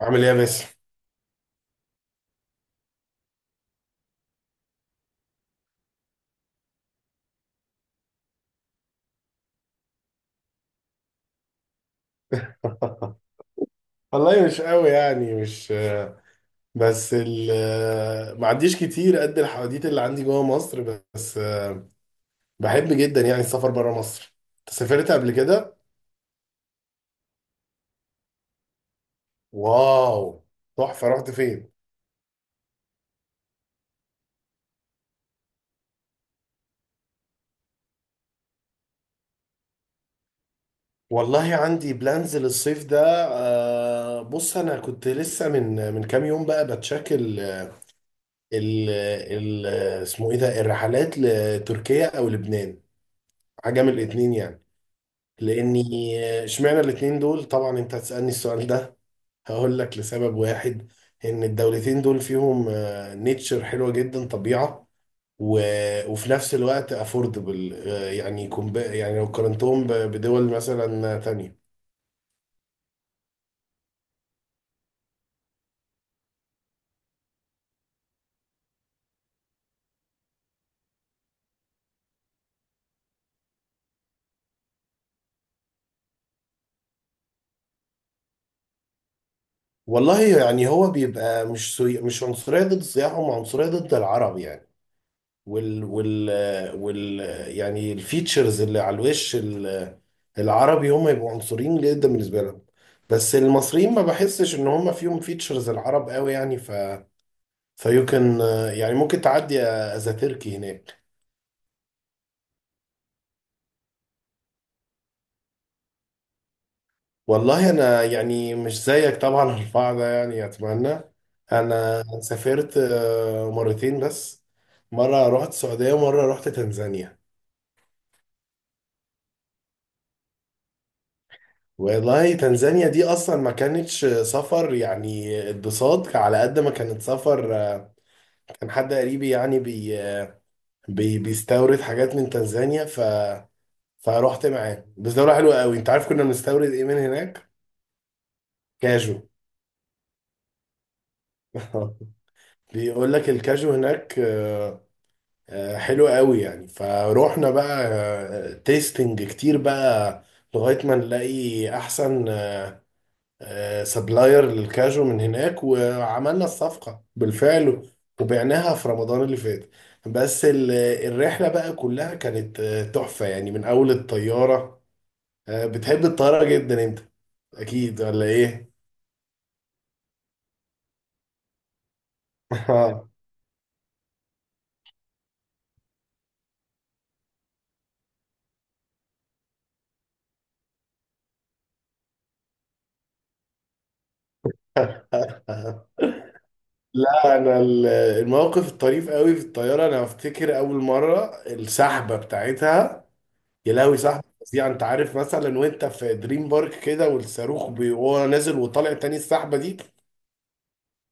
عامل ايه يا باسم؟ والله مش قوي، يعني مش بس ال ما عنديش كتير قد الحواديت اللي عندي جوه مصر، بس بحب جدا يعني السفر بره مصر. أنت سافرت قبل كده؟ واو، تحفة. رحت فين؟ والله عندي بلانز للصيف ده. بص انا كنت لسه من كام يوم بقى بتشكل ال ال اسمه ايه ده، الرحلات لتركيا او لبنان، حاجة من الاتنين يعني. لاني اشمعنى الاتنين دول، طبعا انت هتسالني السؤال ده، هقول لك لسبب واحد، ان الدولتين دول فيهم نيتشر حلوه جدا، طبيعه و... وفي نفس الوقت افوردبل يعني يعني لو قارنتهم بدول مثلا تانية. والله يعني هو بيبقى مش عنصريه ضد السياح، هم عنصريه ضد العرب يعني. وال وال وال يعني الفيتشرز اللي على الوش العربي، هم يبقوا عنصريين جدا بالنسبه لهم. بس المصريين ما بحسش ان هم فيهم فيتشرز العرب قوي يعني، ف فيو كان يعني ممكن تعدي از تركي هناك. والله انا يعني مش زيك طبعا، الرفاع ده يعني اتمنى. انا سافرت مرتين بس، مره رحت السعوديه ومره رحت تنزانيا. والله تنزانيا دي اصلا ما كانتش سفر، يعني اتبساط على قد ما كانت سفر. كان حد قريبي يعني بي بي بيستورد حاجات من تنزانيا، ف فروحت معاه. بس دولة حلوة قوي. انت عارف كنا بنستورد ايه من هناك؟ كاجو. بيقول لك الكاجو هناك حلو قوي يعني، فروحنا بقى تيستنج كتير بقى لغاية ما نلاقي احسن سبلاير للكاجو من هناك، وعملنا الصفقة بالفعل وبعناها في رمضان اللي فات. بس الرحلة بقى كلها كانت تحفة يعني. من أول الطيارة، بتحب الطيارة جدا أنت، أكيد ولا إيه؟ لا أنا الموقف الطريف قوي في الطيارة، أنا أفتكر أول مرة السحبة بتاعتها. يا لهوي، سحبة فظيعة. أنت عارف مثلا وأنت في دريم بارك كده، والصاروخ وهو نازل وطالع تاني، السحبة دي.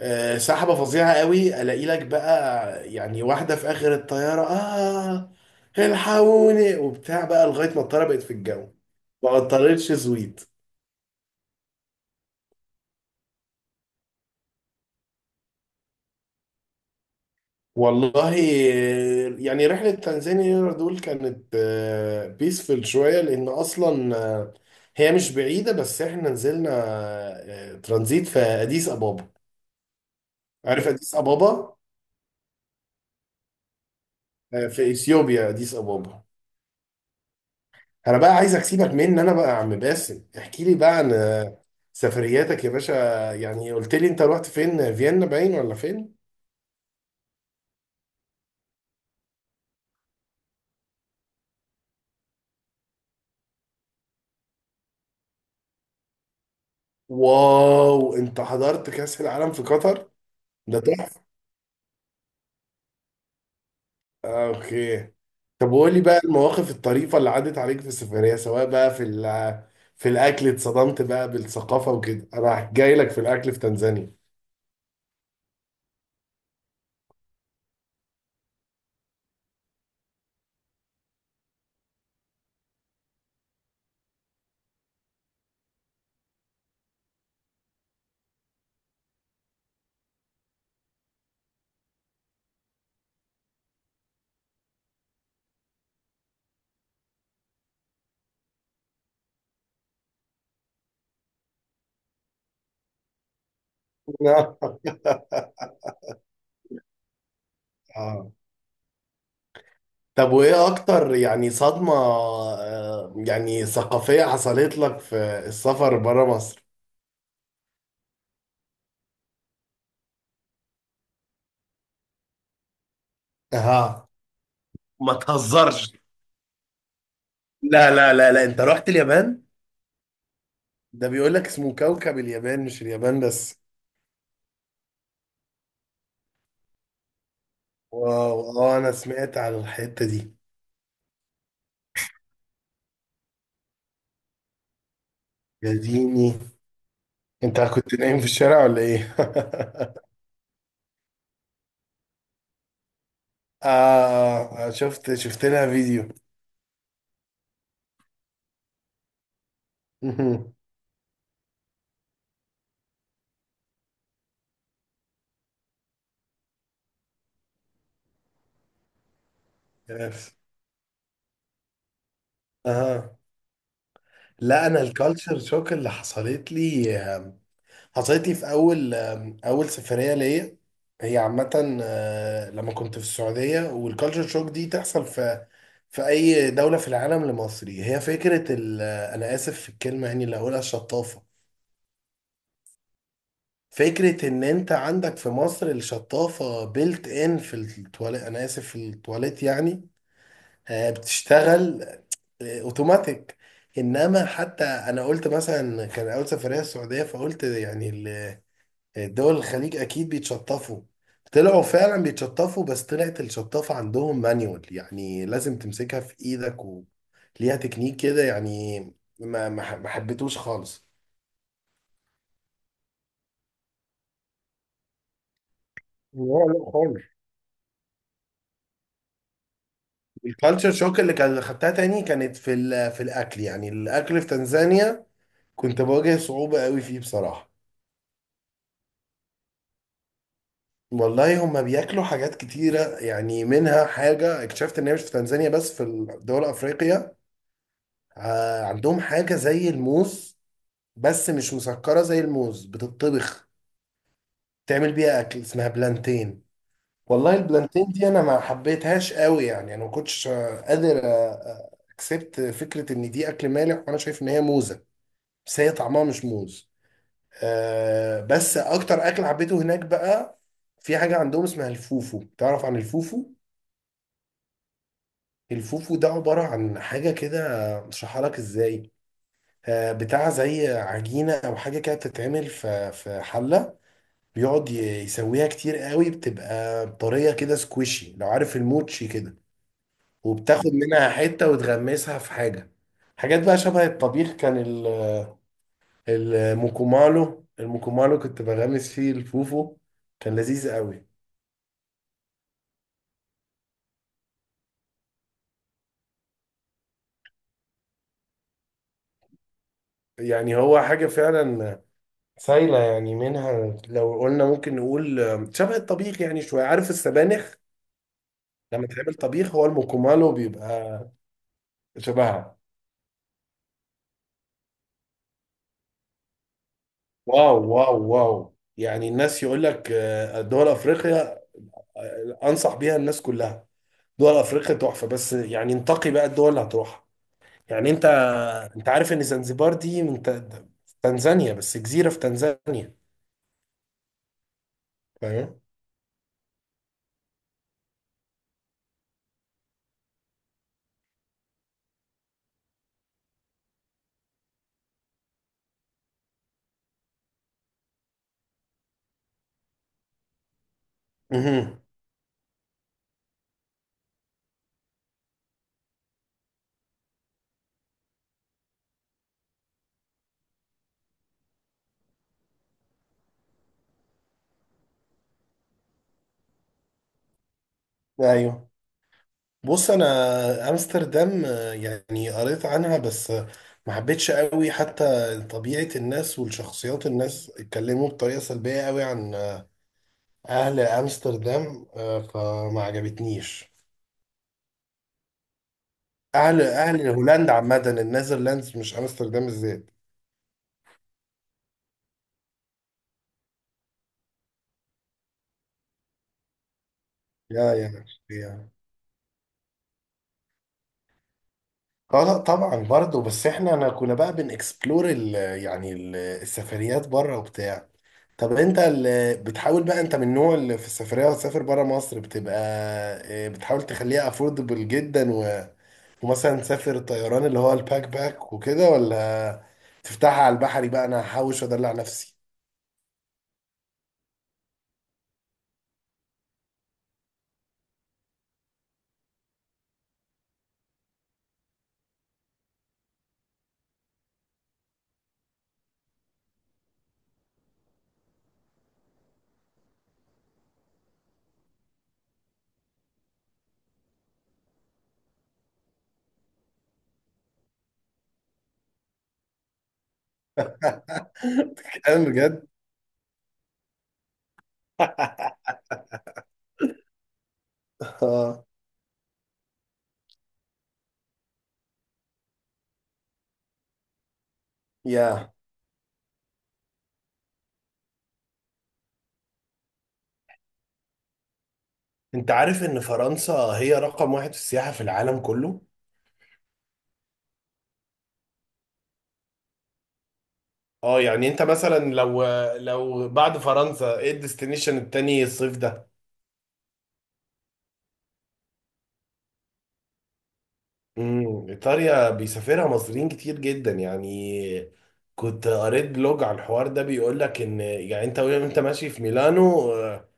سحبة فظيعة قوي. الاقي لك بقى يعني واحدة في اخر الطيارة: اه الحقوني وبتاع بقى، لغاية ما الطيارة بقت في الجو ما قطرتش زويد. والله يعني رحلة تنزانيا دول كانت بيسفل شوية، لأن أصلا هي مش بعيدة، بس إحنا نزلنا ترانزيت في أديس أبابا. عارف أديس أبابا؟ في إثيوبيا أديس أبابا. انا بقى عايزك سيبك من ان انا بقى يا عم باسم، احكي لي بقى عن سفرياتك يا باشا. يعني قلت لي انت رحت فين، فيينا باين ولا فين؟ واو، انت حضرت كأس العالم في قطر؟ ده تحفة. اوكي. طب وقول لي بقى المواقف الطريفة اللي عدت عليك في السفرية، سواء بقى في في الاكل، اتصدمت بقى بالثقافة وكده. انا جاي لك في الاكل في تنزانيا. اه. طب وايه اكتر يعني صدمة يعني ثقافية حصلت لك في السفر بره مصر؟ اها، ما تهزرش. لا لا لا لا، انت رحت اليابان؟ ده بيقول لك اسمه كوكب اليابان، مش اليابان بس. واو، اه انا سمعت على الحتة دي. يا ديني. انت كنت نايم في الشارع ولا ايه؟ شفت، شفت لها فيديو. يس. اها. لا انا الكالتشر شوك اللي حصلت لي، حصلت لي في اول سفريه ليا، هي عامه لما كنت في السعوديه. والكالتشر شوك دي تحصل في في اي دوله في العالم لمصري، هي فكره انا اسف في الكلمه يعني اللي هقولها، الشطافه. فكره ان انت عندك في مصر الشطافه بيلت ان في التواليت، انا اسف في التواليت يعني، بتشتغل اوتوماتيك. انما حتى انا قلت مثلا، كان اول سفريه السعوديه، فقلت يعني دول الخليج اكيد بيتشطفوا، طلعوا فعلا بيتشطفوا، بس طلعت الشطافة عندهم مانيوال، يعني لازم تمسكها في ايدك وليها تكنيك كده يعني. ما حبيتوش خالص. لا، لا خالص. الكالتشر شوك اللي كان خدتها تاني كانت في في الاكل، يعني الاكل في تنزانيا كنت بواجه صعوبة قوي فيه بصراحة. والله هما بياكلوا حاجات كتيرة يعني، منها حاجة اكتشفت ان هي مش في تنزانيا بس، في دول افريقيا عندهم حاجة زي الموز، بس مش مسكرة زي الموز، بتطبخ تعمل بيها أكل اسمها بلانتين. والله البلانتين دي أنا ما حبيتهاش قوي يعني، أنا ما كنتش قادر أكسبت فكرة إن دي أكل مالح، وأنا شايف إن هي موزة بس هي طعمها مش موز. بس أكتر أكل حبيته هناك بقى، في حاجة عندهم اسمها الفوفو. تعرف عن الفوفو؟ الفوفو ده عبارة عن حاجة كده، مش هشرحها لك إزاي. بتاع زي عجينة أو حاجة كده، بتتعمل في في حلة، بيقعد ي- يسويها كتير قوي. بتبقى طرية كده سكويشي، لو عارف الموتشي كده. وبتاخد منها حتة وتغمسها في حاجة، حاجات بقى شبه الطبيخ. كان الموكومالو كنت بغمس فيه الفوفو، كان لذيذ قوي. يعني هو حاجة فعلا سايلة يعني، منها لو قلنا ممكن نقول شبه الطبيخ يعني، شوية عارف السبانخ لما تعمل طبيخ، هو الموكومالو بيبقى شبهها. واو واو واو، يعني الناس يقول لك دول افريقيا، انصح بيها الناس كلها، دول افريقيا تحفه. بس يعني انتقي بقى الدول اللي هتروحها. يعني انت، انت عارف ان زنزبار دي من تنزانيا، بس جزيره في تنزانيا. فاهم؟ مهم. ايوه، بص انا امستردام يعني قريت عنها بس ما حبيتش قوي. حتى طبيعه الناس والشخصيات، الناس اتكلموا بطريقه سلبيه قوي عن اهل امستردام، فما عجبتنيش. اهل هولندا عامه، النيذرلاندز، مش امستردام الذات. يا، يا، يا، اه لا طبعا برضه. بس احنا انا كنا بقى بنكسبلور ال يعني ال السفريات بره وبتاع. طب انت اللي بتحاول بقى، انت من النوع اللي في السفريه وتسافر بره مصر بتبقى بتحاول تخليها افوردبل جدا ومثلا تسافر طيران، اللي هو الباك باك وكده، ولا تفتحها على البحري بقى، انا هحوش وادلع نفسي؟ كلام بجد. اه يا، انت عارف ان فرنسا هي رقم واحد في السياحة في العالم كله. اه يعني انت مثلا لو بعد فرنسا ايه الديستنيشن التاني الصيف ده؟ امم، ايطاليا بيسافرها مصريين كتير جدا يعني. كنت قريت بلوج على الحوار ده، بيقول لك ان يعني انت وانت ماشي في ميلانو، اه،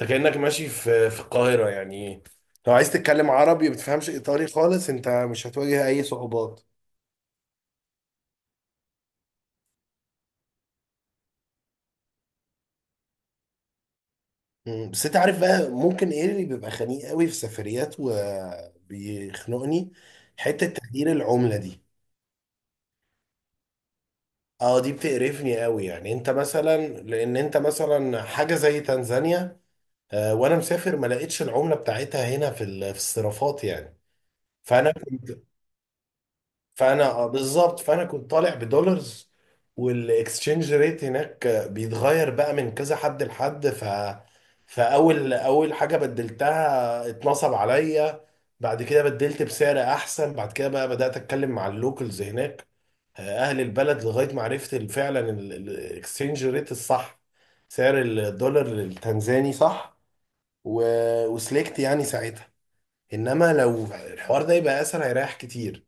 انت كأنك ماشي في في القاهرة يعني، لو عايز تتكلم عربي ما بتفهمش ايطالي خالص، انت مش هتواجه اي صعوبات. مم. بس انت عارف بقى ممكن ايه اللي بيبقى خنيق قوي في سفريات وبيخنقني؟ حتة تغيير العملة دي. اه دي بتقرفني قوي، يعني انت مثلا، لان انت مثلا حاجة زي تنزانيا آه وانا مسافر ما لقيتش العملة بتاعتها هنا في في الصرافات يعني. فانا كنت فانا آه، بالظبط فانا كنت طالع بدولارز، والاكسشينج ريت هناك بيتغير بقى من كذا حد لحد. ف فاول اول حاجه بدلتها اتنصب عليا، بعد كده بدلت بسعر احسن، بعد كده بقى بدات اتكلم مع اللوكلز هناك اهل البلد، لغايه ما عرفت فعلا الاكسشينج ريت الصح، سعر الدولار التنزاني صح، و... وسلكت يعني ساعتها. انما لو الحوار ده يبقى اسهل هيريح كتير.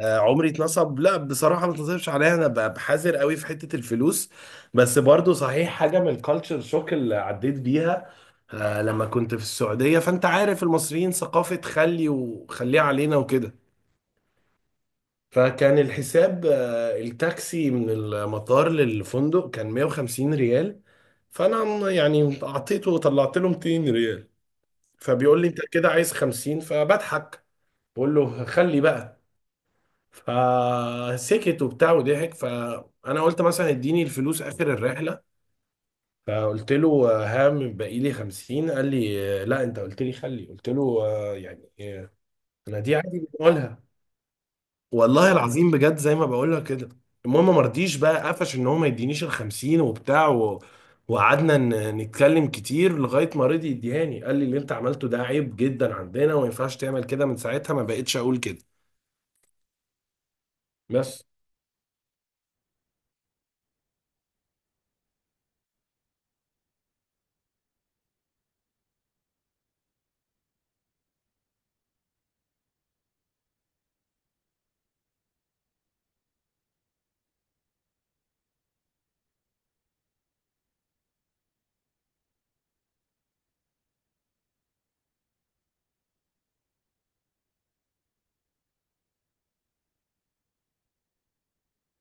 عمري اتنصب لا، بصراحة ما اتنصبش عليا، انا بحذر قوي في حتة الفلوس. بس برضو صحيح حاجة من الكالتشر شوك اللي عديت بيها لما كنت في السعودية، فانت عارف المصريين ثقافة خلي وخليه علينا وكده. فكان الحساب التاكسي من المطار للفندق كان 150 ريال، فانا يعني اعطيته وطلعت له 200 ريال، فبيقول لي انت كده عايز 50، فبضحك بقول له خلي بقى، فسكت وبتاع وضحك. فانا قلت مثلا اديني الفلوس اخر الرحله، فقلت له ها من باقي لي 50، قال لي لا انت قلت لي خلي. قلت له انا دي عادي بقولها، والله العظيم بجد زي ما بقولها كده. المهم ما رضيش بقى، قفش ان هو ما يدينيش ال 50 وبتاع وقعدنا نتكلم كتير لغايه ما رضي يديهاني. قال لي اللي انت عملته ده عيب جدا عندنا، وما ينفعش تعمل كده. من ساعتها ما بقتش اقول كده. بس.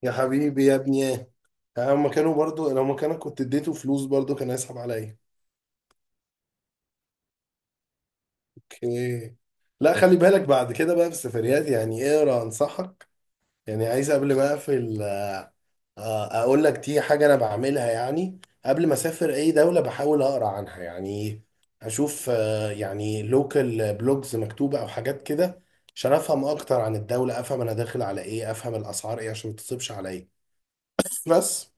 يا حبيبي يا ابني يا، هما كانوا برضو لو مكانك كنت اديته فلوس برضو كان هيسحب عليا. اوكي. لا خلي بالك بعد كده بقى في السفريات، يعني اقرا، انصحك يعني. عايز قبل ما اقفل اقول لك دي حاجه انا بعملها، يعني قبل ما اسافر اي دوله بحاول اقرا عنها يعني، اشوف يعني لوكال بلوجز مكتوبه او حاجات كده، عشان افهم اكتر عن الدوله، افهم انا داخل على ايه، افهم الاسعار ايه عشان ما تصيبش عليا. بس.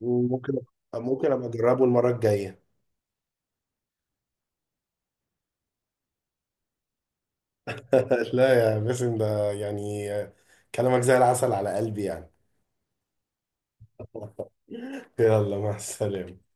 ممكن ممكن ابقى اجربه المره الجايه. لا يا باسم، ده يعني كلامك زي العسل على قلبي يعني. يلا مع السلامة.